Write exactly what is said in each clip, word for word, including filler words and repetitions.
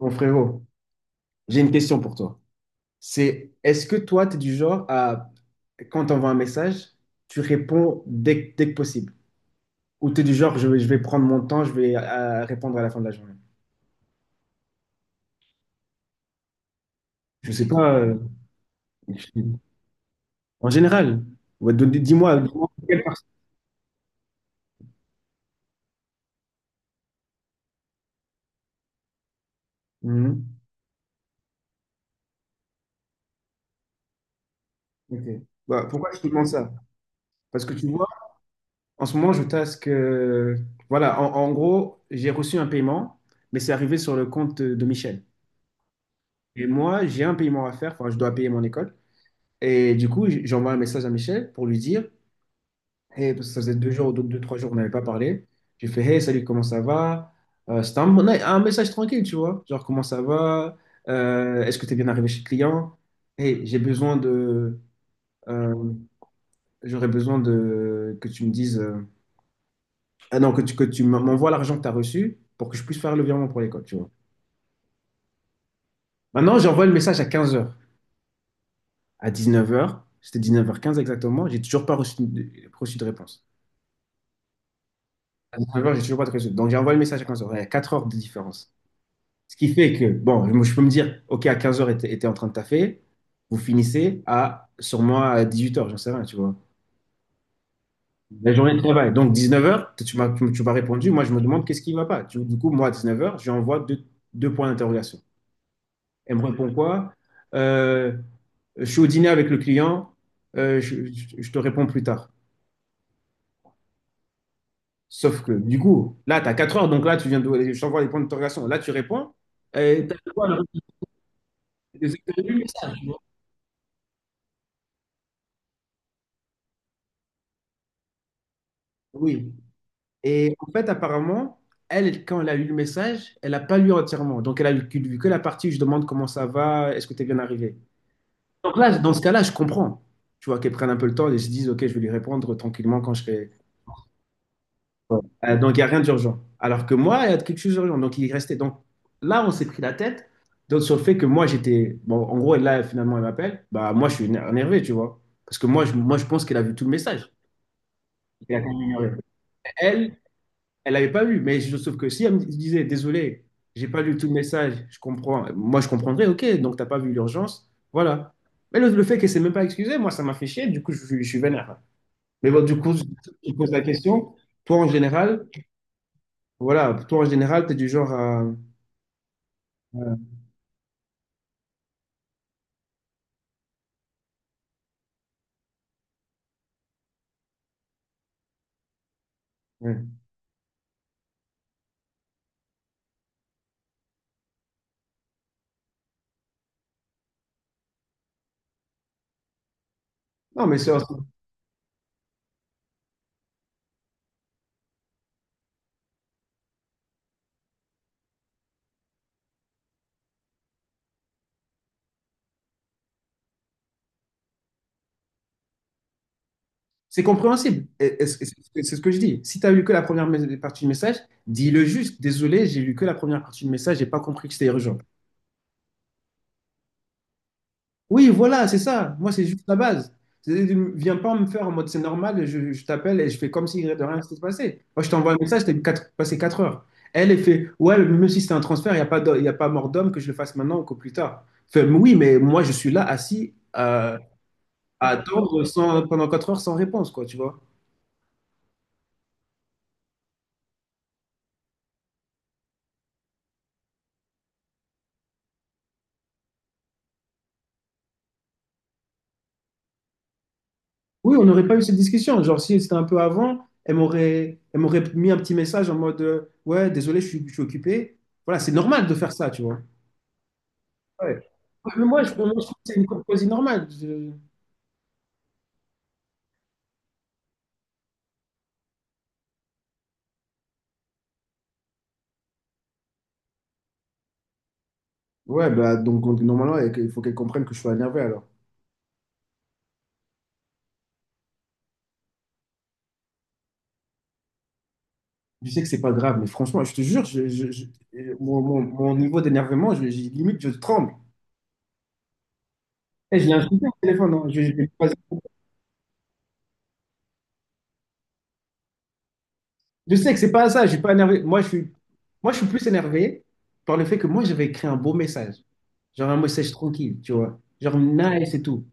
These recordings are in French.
Mon frérot, j'ai une question pour toi. C'est Est-ce que toi, tu es du genre à, quand on voit un message, tu réponds dès, que- dès que possible? Ou tu es du genre, je, vais je vais prendre mon temps, je vais euh, répondre à la fin de la journée? Je sais pas. Euh, en général, ouais, don- dis-moi, dis-moi quelle partie. Mhm. Ok. Bah, pourquoi je te demande ça? Parce que tu vois, en ce moment, je tasque. Euh, voilà, en, en gros, j'ai reçu un paiement, mais c'est arrivé sur le compte de de Michel. Et moi, j'ai un paiement à faire, enfin, je dois payer mon école. Et du coup, j- j'ai un message à Michel pour lui dire, hey, parce que ça faisait deux jours, deux, deux, trois jours, qu'on n'avait pas parlé. J'ai fait, hey, salut, comment ça va? Euh, c'était un, bon- un message tranquille, tu vois. Genre, comment ça va? Euh, est-ce que tu es bien arrivé chez le client? Hey, j'ai besoin de. euh, J'aurais besoin de que tu me dises. Euh, ah non, que tu, que tu m'envoies l'argent que tu as reçu pour que je puisse faire le virement pour l'école, tu vois. Maintenant, j'envoie le message à 15 heures. À 19 heures, c'était dix-neuf heures quinze exactement, j'ai toujours pas reçu de, reçu de réponse. neuf heures, j'ai toujours pas de réseau. Donc, j'ai envoyé le message à quinze heures. Il y a quatre heures de différence. Ce qui fait que, bon, je je peux me dire, OK, à quinze heures, était était en train de taffer. Vous finissez à, sur moi à dix-huit heures, j'en sais rien, tu vois. La journée de travail. Donc, dix-neuf heures, tu m'as, tu, tu m'as répondu. Moi, je me demande qu'est-ce qui ne va pas. Tu- du coup, moi, à dix-neuf heures, je lui envoie deux, deux points d'interrogation. Elle me répond quoi? Euh, je suis au dîner avec le client. Euh, je, je- je te réponds plus tard. Sauf que, du coup, là, tu as 4 heures. Donc là, tu viens de, je t'envoie les points d'interrogation. Là, tu réponds. Euh, t'as- quoi, là? J'ai eu le message, tu vois. Oui. Et en fait, apparemment, elle, quand elle a eu le message, elle n'a pas lu entièrement. Donc, elle a lu que lu que la partie où je demande comment ça va, est-ce que tu es bien arrivé. Donc là, dans ce cas-là, je comprends. Tu vois, qu'elle prenne un peu le temps et se dise, OK, je vais lui répondre tranquillement quand je serai. Ouais. Euh, donc, il n'y a rien d'urgent. Alors que moi, il y a quelque chose d'urgent. Donc, il restait. Donc, là, on s'est pris la tête donc, sur le fait que moi, j'étais. Bon, en gros, là, finalement, elle m'appelle. Bah, moi, je suis éner- énervé, tu vois. Parce que moi, je, moi, je pense qu'elle a vu tout le message. Elle, Elle l'avait pas vu, mais je- sauf que si elle me disait, désolé, j'ai pas lu tout le message, je comprends. Moi, je comprendrais, ok, donc t'as pas vu l'urgence, voilà. Mais le, le fait qu'elle s'est même pas excusée, moi, ça m'a fait chier, du coup, je, je suis vénère. Mais bon, du coup, je je pose la question. Toi, en général, voilà, toi, en général, t'es du genre à... à- ouais. Non, mais c'est c'est compréhensible. Et- et C'est c'est- c'est ce que je dis. Si t'as lu que la première mes- partie du message, dis-le juste. Désolé, j'ai lu que la première partie du message, j'ai pas compris que c'était urgent. Oui, voilà, c'est ça. Moi, c'est juste la base. C'est- Viens pas me faire en mode c'est normal, je, je t'appelle et je fais comme si de rien s'était passé. Moi, je t'envoie un message, t'as eu quatre- passé 4 heures. Elle, elle fait, ouais, même si c'est un transfert, il n'y a pas, d'o- il y a pas mort d'homme que je le fasse maintenant ou que plus tard. Fait, mais oui, mais moi, je suis là assis euh, à attendre sans- pendant quatre heures sans réponse, quoi, tu vois. Oui, on n'aurait pas eu cette discussion. Genre, si c'était un peu avant, elle m'aurait, elle m'aurait mis un petit message en mode, euh, ouais, désolé, je suis, je suis occupé. Voilà, c'est normal de faire ça, tu vois. Ouais. Mais moi, je, moi, je trouve que c'est une courtoisie normale. Je- Ouais, bah, donc, donc, normalement, ouais, il faut qu'elle comprenne que je suis énervé alors. Je sais que c'est pas grave, mais franchement, je te jure, je, je- je- euh, mon, mon- mon niveau d'énervement, je, je- limite, je tremble. Eh, je l'ai insulté au téléphone, hein. Je, je l'ai je sais que c'est pas ça, je suis pas énervé. Moi, je suis, moi, je suis plus énervé par le fait que moi, j'avais écrit un beau message. Genre un message tranquille, tu vois. Genre nice et tout.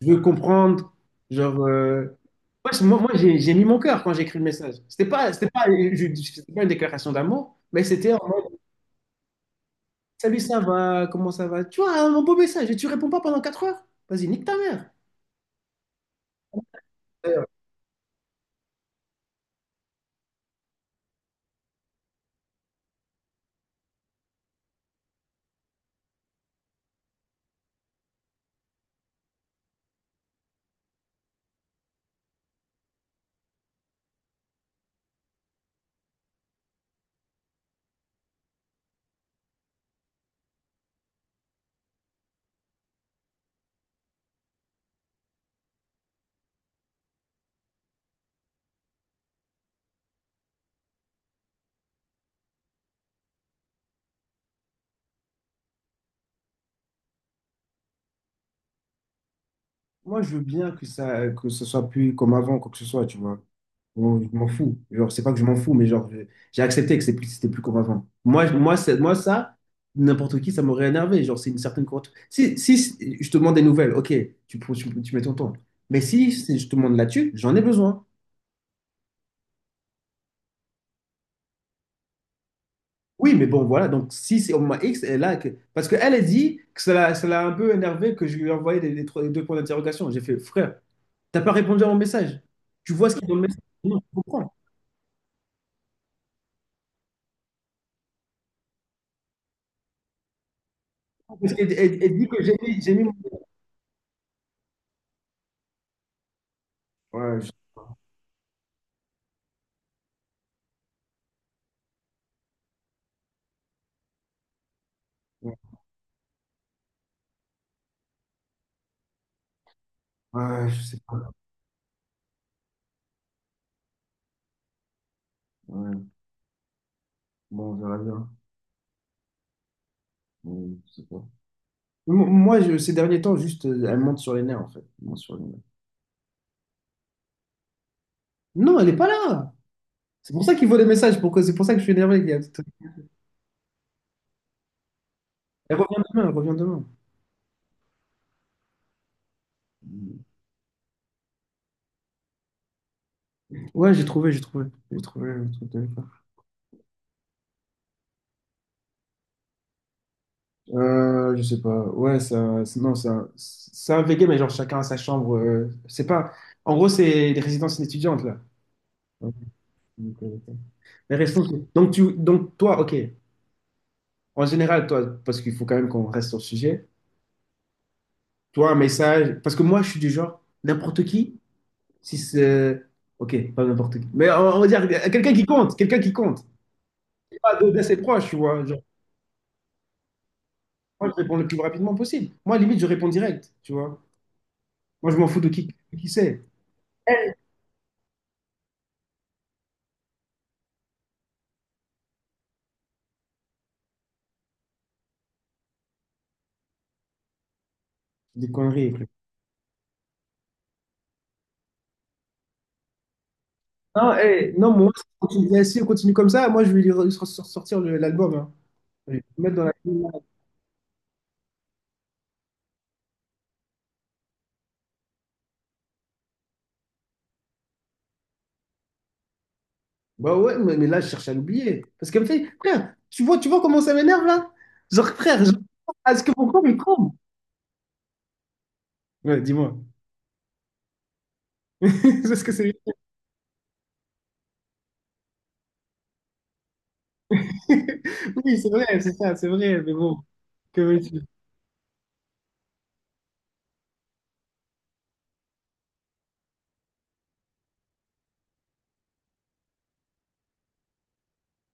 Je veux comprendre. Genre, euh, ouais, c'est- moi, moi, j'ai j'ai mis mon cœur quand j'ai écrit le message. C'était pas, c'était pas, je- c'était pas une déclaration d'amour, mais c'était en mode, salut, ça va, comment ça va? Tu vois, un beau message et tu réponds pas pendant quatre heures? Vas-y, nique ta mère. Euh, Moi, je veux bien que ça, que ce soit plus comme avant, quoi que ce soit, tu vois. Bon, je m'en fous. Genre, c'est pas que je m'en fous, mais genre, je- j'ai accepté que c'est plus- c'était plus convaincant. Moi, je- moi, c'est- moi ça, n'importe qui, ça m'aurait énervé. Genre, c'est une certaine courte. Si, si si je te demande des nouvelles, ok, tu, prends- tu, tu mets ton temps. Mais si, si je te demande là-dessus, j'en ai besoin. Oui, mais bon, voilà. Donc, si c'est au moins X, elle a que... Parce qu'elle a dit que ça l'a ça l'a un peu énervé que je lui ai envoyé les, les trois- les deux points d'interrogation. J'ai fait, frère, t'as pas répondu à mon message. Tu vois ce qu'il y a dans le message. Non, je comprends. Parce qu'elle elle- elle dit que j'ai mis, j'ai mis mon... Ouais, je- Ouais, je sais pas. Ouais. Bon, on verra bien. Mais je sais pas. Mo- Moi, je- ces derniers temps, juste, euh, elle monte sur les nerfs, en fait. Elle monte sur les nerfs. Non, elle n'est pas là. C'est pour ça qu'il voit des messages. Pour que- C'est pour ça que je suis énervé. qu'il y a- Elle revient demain, elle revient demain. Ouais, j'ai trouvé, j'ai trouvé. J'ai trouvé le truc de l'époque. Euh, je sais pas. Ouais, ça, c'est- non, c'est un, c'est un, V G, mais genre chacun a sa chambre. Euh, c'est pas. En gros, c'est les résidences étudiantes, là. Les résidences- Donc, tu, donc, toi, ok. En général, toi, parce qu'il faut quand même qu'on reste sur le sujet. Tu vois, un message. Parce que moi, je suis du genre, n'importe qui, si c'est. Ok, pas n'importe qui. Mais on, on va dire, quelqu'un qui compte, quelqu'un qui compte. Pas de- d'assez proche, tu vois. Genre, moi, je réponds le plus rapidement possible. Moi, limite, je réponds direct, tu vois. Moi, je m'en fous de qui, qui c'est. Des conneries, frère. Non, eh, non, moi, si on continue, si on continue comme ça, moi, je vais lui re- sor- sor- sortir le- l'album, hein. Je vais le mettre dans la. Bah ouais, mais, mais là, je cherche à l'oublier. Parce qu'elle me fait, frère, tu vois, tu vois comment ça m'énerve là? Genre, frère, je- à ce que mon corps, il tremble. Ouais, dis-moi. Parce que c'est... Oui, c'est vrai, c'est ça, c'est vrai, mais bon, que veux-tu?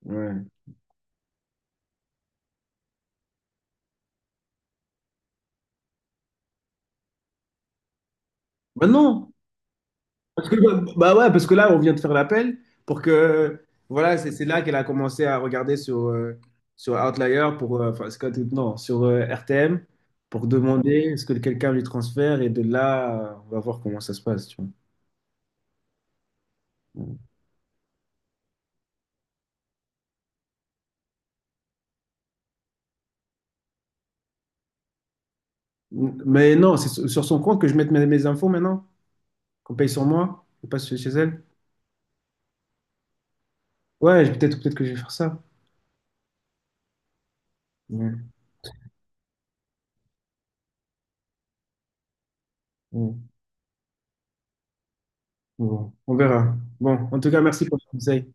Ouais. Bah non. Parce que, bah, bah ouais, parce que là, on vient de faire l'appel pour que. Voilà, c'est c'est là qu'elle a commencé à regarder sur, euh, sur Outlier, pour, euh, enfin, c'est quoi, tout- non, sur euh, R T M, pour demander est ce que quelqu'un lui transfère. Et de là, euh, on va voir comment ça se passe. Tu vois. Mais non, c'est sur sur son compte que je mette mes, mes infos maintenant, qu'on paye sur moi, et pas chez chez elle. Ouais, je- peut-être peut-être que je vais faire ça. Ouais. Ouais. Bon, on verra. Bon, en tout cas, merci pour le conseil.